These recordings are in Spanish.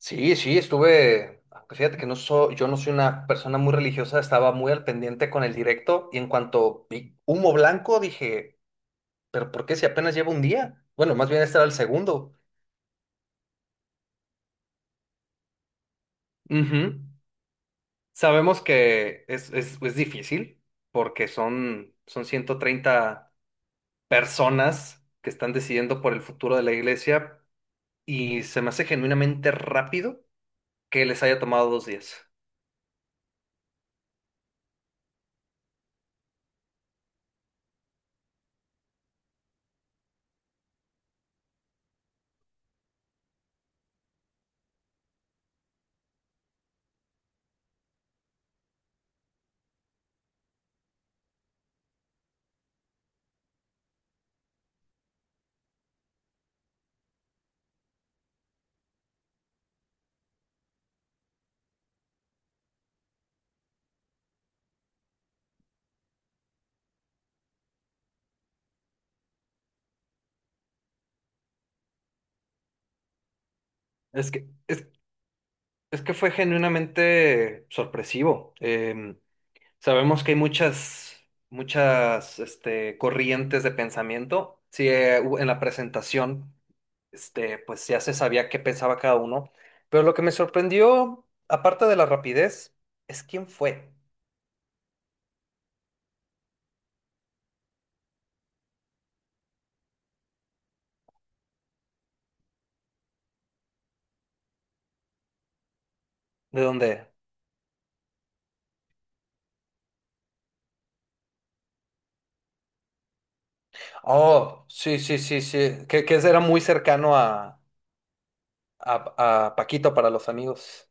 Sí, sí, estuve, aunque fíjate que yo no soy una persona muy religiosa, estaba muy al pendiente con el directo y en cuanto vi humo blanco dije, pero ¿por qué si apenas lleva un día? Bueno, más bien este era el segundo. Ujú. Sabemos que es difícil porque son 130 personas que están decidiendo por el futuro de la iglesia y se me hace genuinamente rápido que les haya tomado 2 días. Es que es, Es que fue genuinamente sorpresivo. Sabemos que hay muchas, este, corrientes de pensamiento. Sí, en la presentación, este, pues ya se sabía qué pensaba cada uno. Pero lo que me sorprendió, aparte de la rapidez, es quién fue, de dónde. Oh, sí, sí, sí, sí. Que era muy cercano a, a Paquito para los amigos.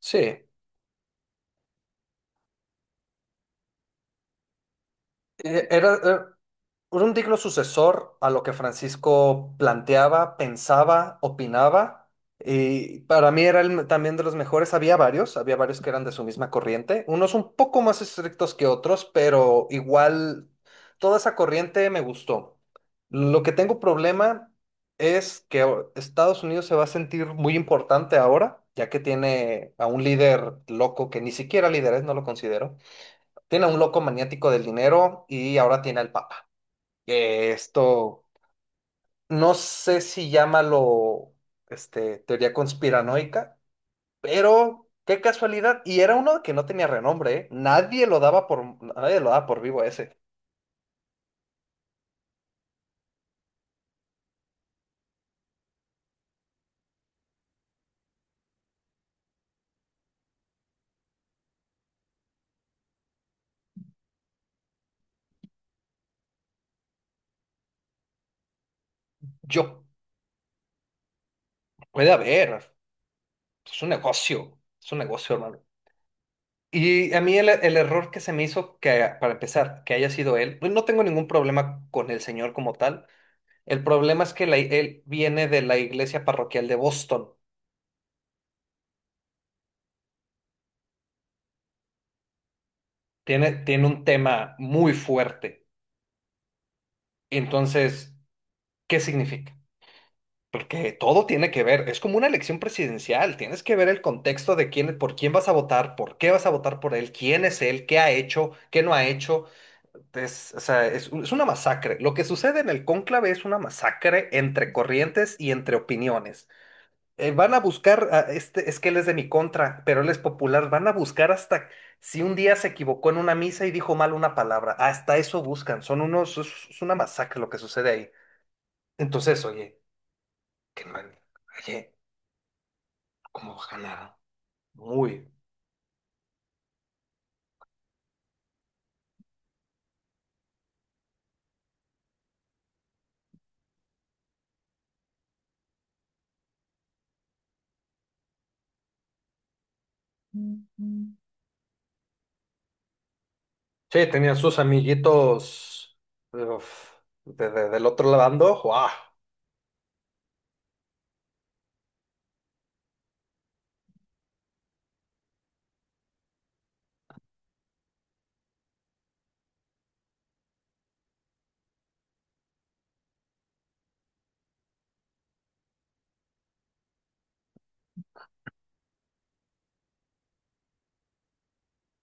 Sí. Era un digno sucesor a lo que Francisco planteaba, pensaba, opinaba, y para mí era también de los mejores. Había varios que eran de su misma corriente, unos un poco más estrictos que otros, pero igual toda esa corriente me gustó. Lo que tengo problema es que Estados Unidos se va a sentir muy importante ahora, ya que tiene a un líder loco que ni siquiera líder es, no lo considero, tiene a un loco maniático del dinero y ahora tiene al Papa. Esto, no sé si llámalo, este, teoría conspiranoica, pero qué casualidad. Y era uno que no tenía renombre, ¿eh? Nadie lo daba por vivo a ese. Yo, puede haber, es un negocio, hermano. Y a mí el error que se me hizo, que para empezar, que haya sido él, pues no tengo ningún problema con el señor como tal. El problema es que él viene de la iglesia parroquial de Boston. Tiene un tema muy fuerte. Entonces, ¿qué significa? Porque todo tiene que ver, es como una elección presidencial, tienes que ver el contexto de quién, por quién vas a votar, por qué vas a votar por él, quién es él, qué ha hecho, qué no ha hecho. O sea, es una masacre. Lo que sucede en el cónclave es una masacre entre corrientes y entre opiniones. Van a buscar, a este, es que él es de mi contra, pero él es popular, van a buscar hasta si un día se equivocó en una misa y dijo mal una palabra, hasta eso buscan, son unos, es una masacre lo que sucede ahí. Entonces, oye, qué mal, oye, cómo ganaba, muy. Sí, tenían sus amiguitos, uf, del otro lado, ¡guau!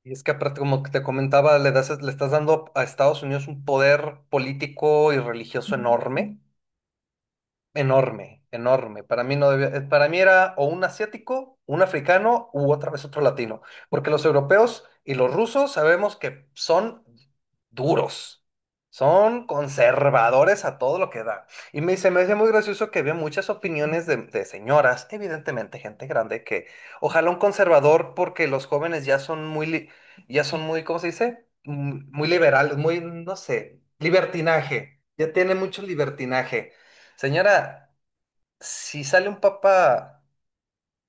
Y es que aparte, como que te comentaba, le das, le estás dando a Estados Unidos un poder político y religioso enorme, enorme, enorme. Para mí no para mí era o un asiático, un africano u otra vez otro latino, porque los europeos y los rusos sabemos que son duros. Son conservadores a todo lo que da. Y me, se me hace muy gracioso que había muchas opiniones de señoras, evidentemente gente grande, que ojalá un conservador, porque los jóvenes ya son ya son muy, ¿cómo se dice? Muy liberales, muy, no sé, libertinaje. Ya tiene mucho libertinaje. Señora, si sale un papa,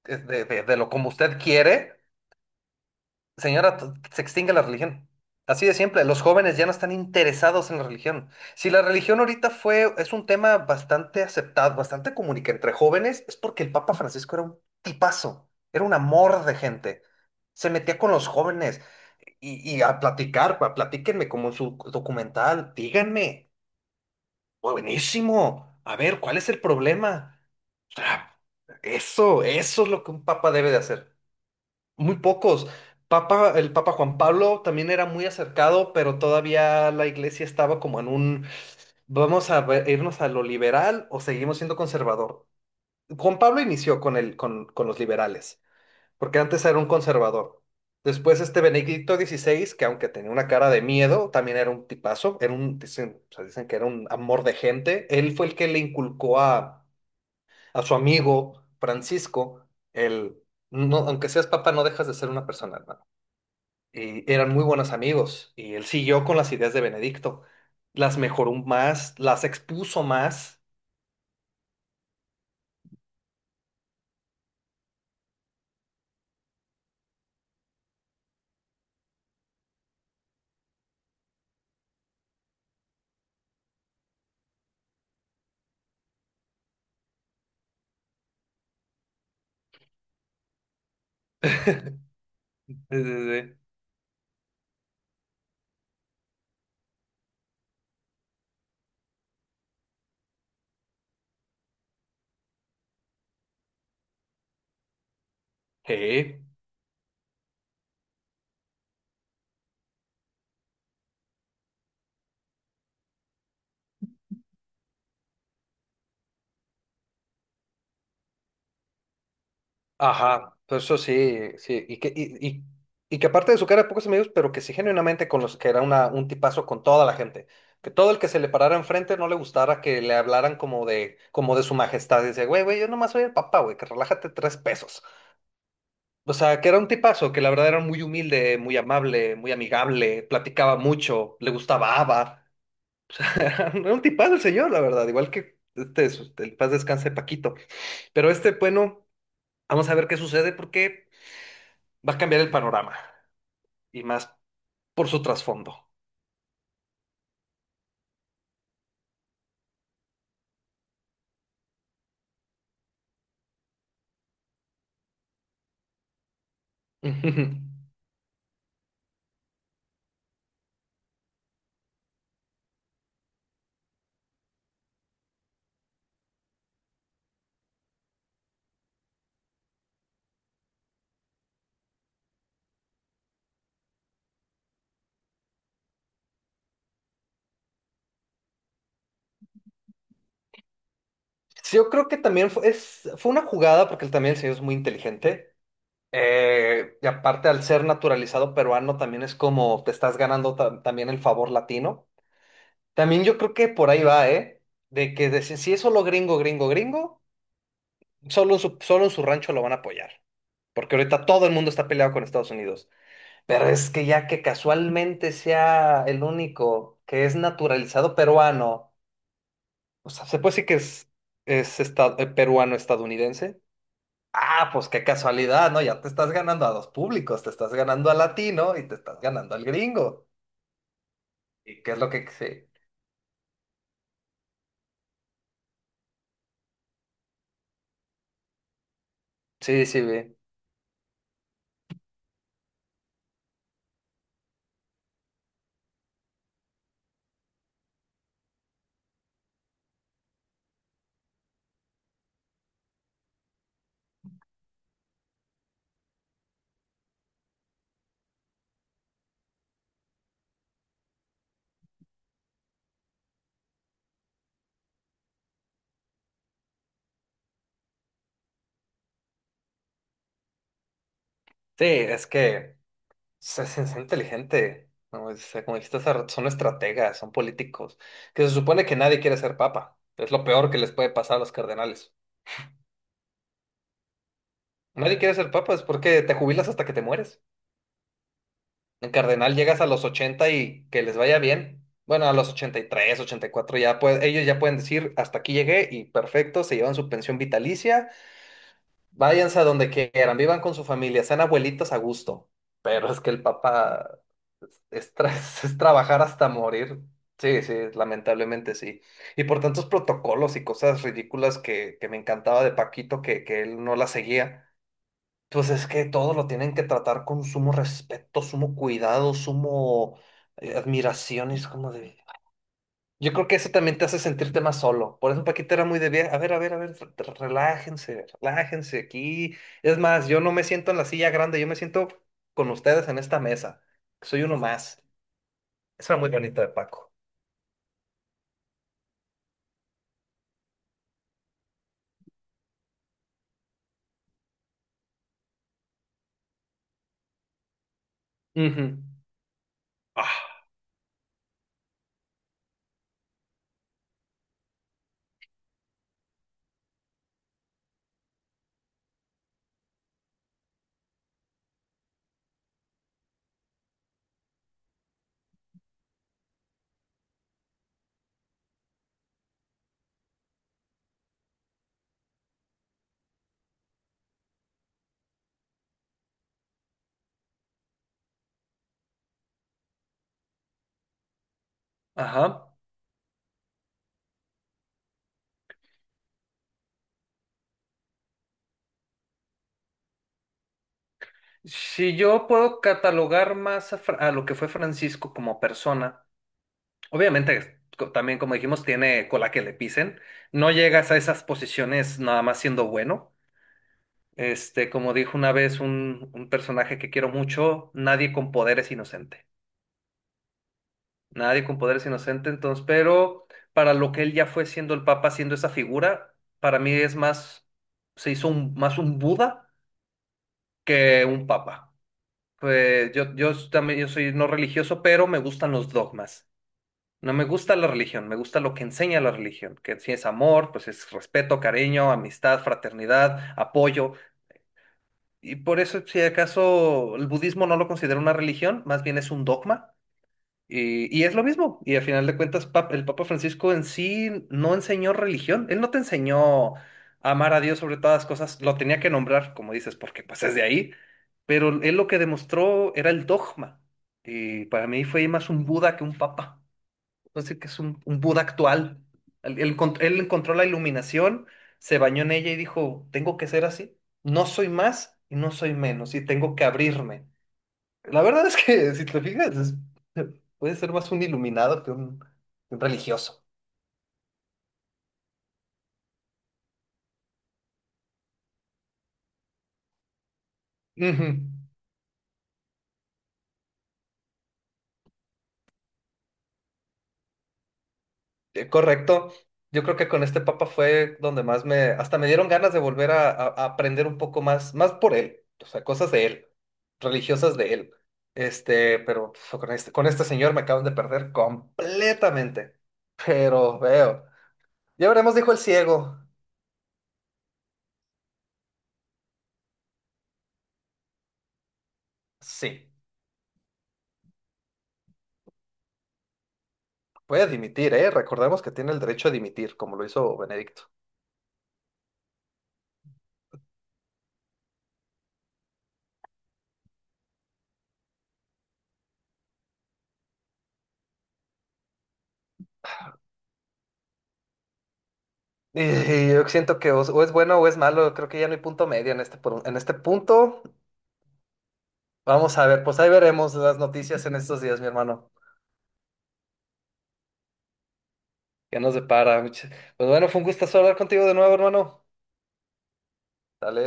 de lo como usted quiere, señora, se extingue la religión. Así de siempre, los jóvenes ya no están interesados en la religión. Si la religión ahorita fue, es un tema bastante aceptado, bastante común y que entre jóvenes, es porque el Papa Francisco era un tipazo, era un amor de gente. Se metía con los jóvenes y a platicar, platíquenme como en su documental, díganme, buenísimo, a ver, ¿cuál es el problema? Ah, eso es lo que un papa debe de hacer. Muy pocos. Papa, el Papa Juan Pablo también era muy acercado, pero todavía la iglesia estaba como en un, vamos a irnos a lo liberal o seguimos siendo conservador. Juan Pablo inició con con los liberales, porque antes era un conservador. Después este Benedicto XVI, que aunque tenía una cara de miedo, también era un tipazo, era un, dicen, o sea, dicen que era un amor de gente. Él fue el que le inculcó a su amigo Francisco, el, no, aunque seas papá, no dejas de ser una persona, hermano. Y eran muy buenos amigos y él siguió con las ideas de Benedicto. Las mejoró más, las expuso más. Sí, sí, sí. Sí. Ajá, pues eso sí, sí, y que aparte de su cara era pocos amigos, pero que sí genuinamente con los que era una, un tipazo con toda la gente, que todo el que se le parara enfrente no le gustara que le hablaran como de su majestad, y decía, güey, güey, yo nomás soy el papá, güey, que relájate tres pesos. O sea, que era un tipazo, que la verdad era muy humilde, muy amable, muy amigable, platicaba mucho, le gustaba ABBA. Era un tipazo el señor, la verdad, igual que este, el paz descanse Paquito. Pero este, bueno, vamos a ver qué sucede porque va a cambiar el panorama y más por su trasfondo. Ujú. Sí, yo creo que también fue, es, fue una jugada porque él también el señor es muy inteligente. Y aparte al ser naturalizado peruano también es como te estás ganando, también el favor latino. También yo creo que por ahí va, ¿eh? Si es solo gringo, gringo, gringo, solo en su rancho lo van a apoyar. Porque ahorita todo el mundo está peleado con Estados Unidos. Pero es que ya que casualmente sea el único que es naturalizado peruano, o sea, se puede decir que peruano-estadounidense. Ah, pues qué casualidad, ¿no? Ya te estás ganando a dos públicos, te estás ganando al latino y te estás ganando al gringo. ¿Y qué es lo que... Sí, sí, sí. Sí. Sí, es que... Se inteligente, ¿no? O sea, como dijiste hace rato, son estrategas, son políticos, que se supone que nadie quiere ser papa. Es lo peor que les puede pasar a los cardenales. Nadie quiere ser papa, es porque te jubilas hasta que te mueres. En cardenal llegas a los 80 y que les vaya bien. Bueno, a los 80 83 84 ya ellos ya pueden decir, hasta aquí llegué y perfecto, se llevan su pensión vitalicia. Váyanse a donde quieran, vivan con su familia, sean abuelitos a gusto. Pero es que el papá es, es tra- es trabajar hasta morir. Sí, sí, lamentablemente sí. Y por tantos protocolos y cosas ridículas que me encantaba de Paquito, que él no la seguía, pues es que todo lo tienen que tratar con sumo respeto, sumo cuidado, sumo admiración. Y es como de... Yo creo que eso también te hace sentirte más solo. Por eso Paquita era muy de bien. A ver, a ver, a ver, relájense, relájense aquí. Es más, yo no me siento en la silla grande, yo me siento con ustedes en esta mesa. Soy uno más. Esa era muy bonita de Paco. Ujú. Ah, ajá. Si yo puedo catalogar más a, a lo que fue Francisco como persona, obviamente también como dijimos, tiene cola que le pisen. No llegas a esas posiciones nada más siendo bueno. Este, como dijo una vez un personaje que quiero mucho, nadie con poder es inocente. Nadie con poder es inocente, entonces, pero para lo que él ya fue siendo el Papa, siendo esa figura, para mí es más, se hizo más un Buda que un Papa. Pues yo también yo soy no religioso, pero me gustan los dogmas. No me gusta la religión, me gusta lo que enseña la religión, que si es amor, pues es respeto, cariño, amistad, fraternidad, apoyo. Y por eso, si acaso el budismo no lo considera una religión, más bien es un dogma. Y es lo mismo. Y al final de cuentas, el Papa Francisco en sí no enseñó religión. Él no te enseñó a amar a Dios sobre todas las cosas. Lo tenía que nombrar, como dices, porque pues es de ahí. Pero él lo que demostró era el dogma. Y para mí fue más un Buda que un papa, entonces que es un Buda actual. Él encontró la iluminación, se bañó en ella y dijo, tengo que ser así. No soy más y no soy menos y tengo que abrirme. La verdad es que, si te fijas, puede ser más un iluminado que un religioso. Ujú. Correcto. Yo creo que con este papa fue donde más me, hasta me dieron ganas de volver a aprender un poco más, más por él, o sea, cosas de él, religiosas de él. Este, pero pf, con este señor me acaban de perder completamente. Pero veo. Ya veremos, dijo el ciego. Sí, puede dimitir, ¿eh? Recordemos que tiene el derecho a dimitir, como lo hizo Benedicto. Y yo siento que o es bueno o es malo, creo que ya no hay punto medio en este, en este punto. Vamos a ver, pues ahí veremos las noticias en estos días, mi hermano. ¿Qué nos depara? Mucha- Pues bueno, fue un gustazo hablar contigo de nuevo, hermano. Dale.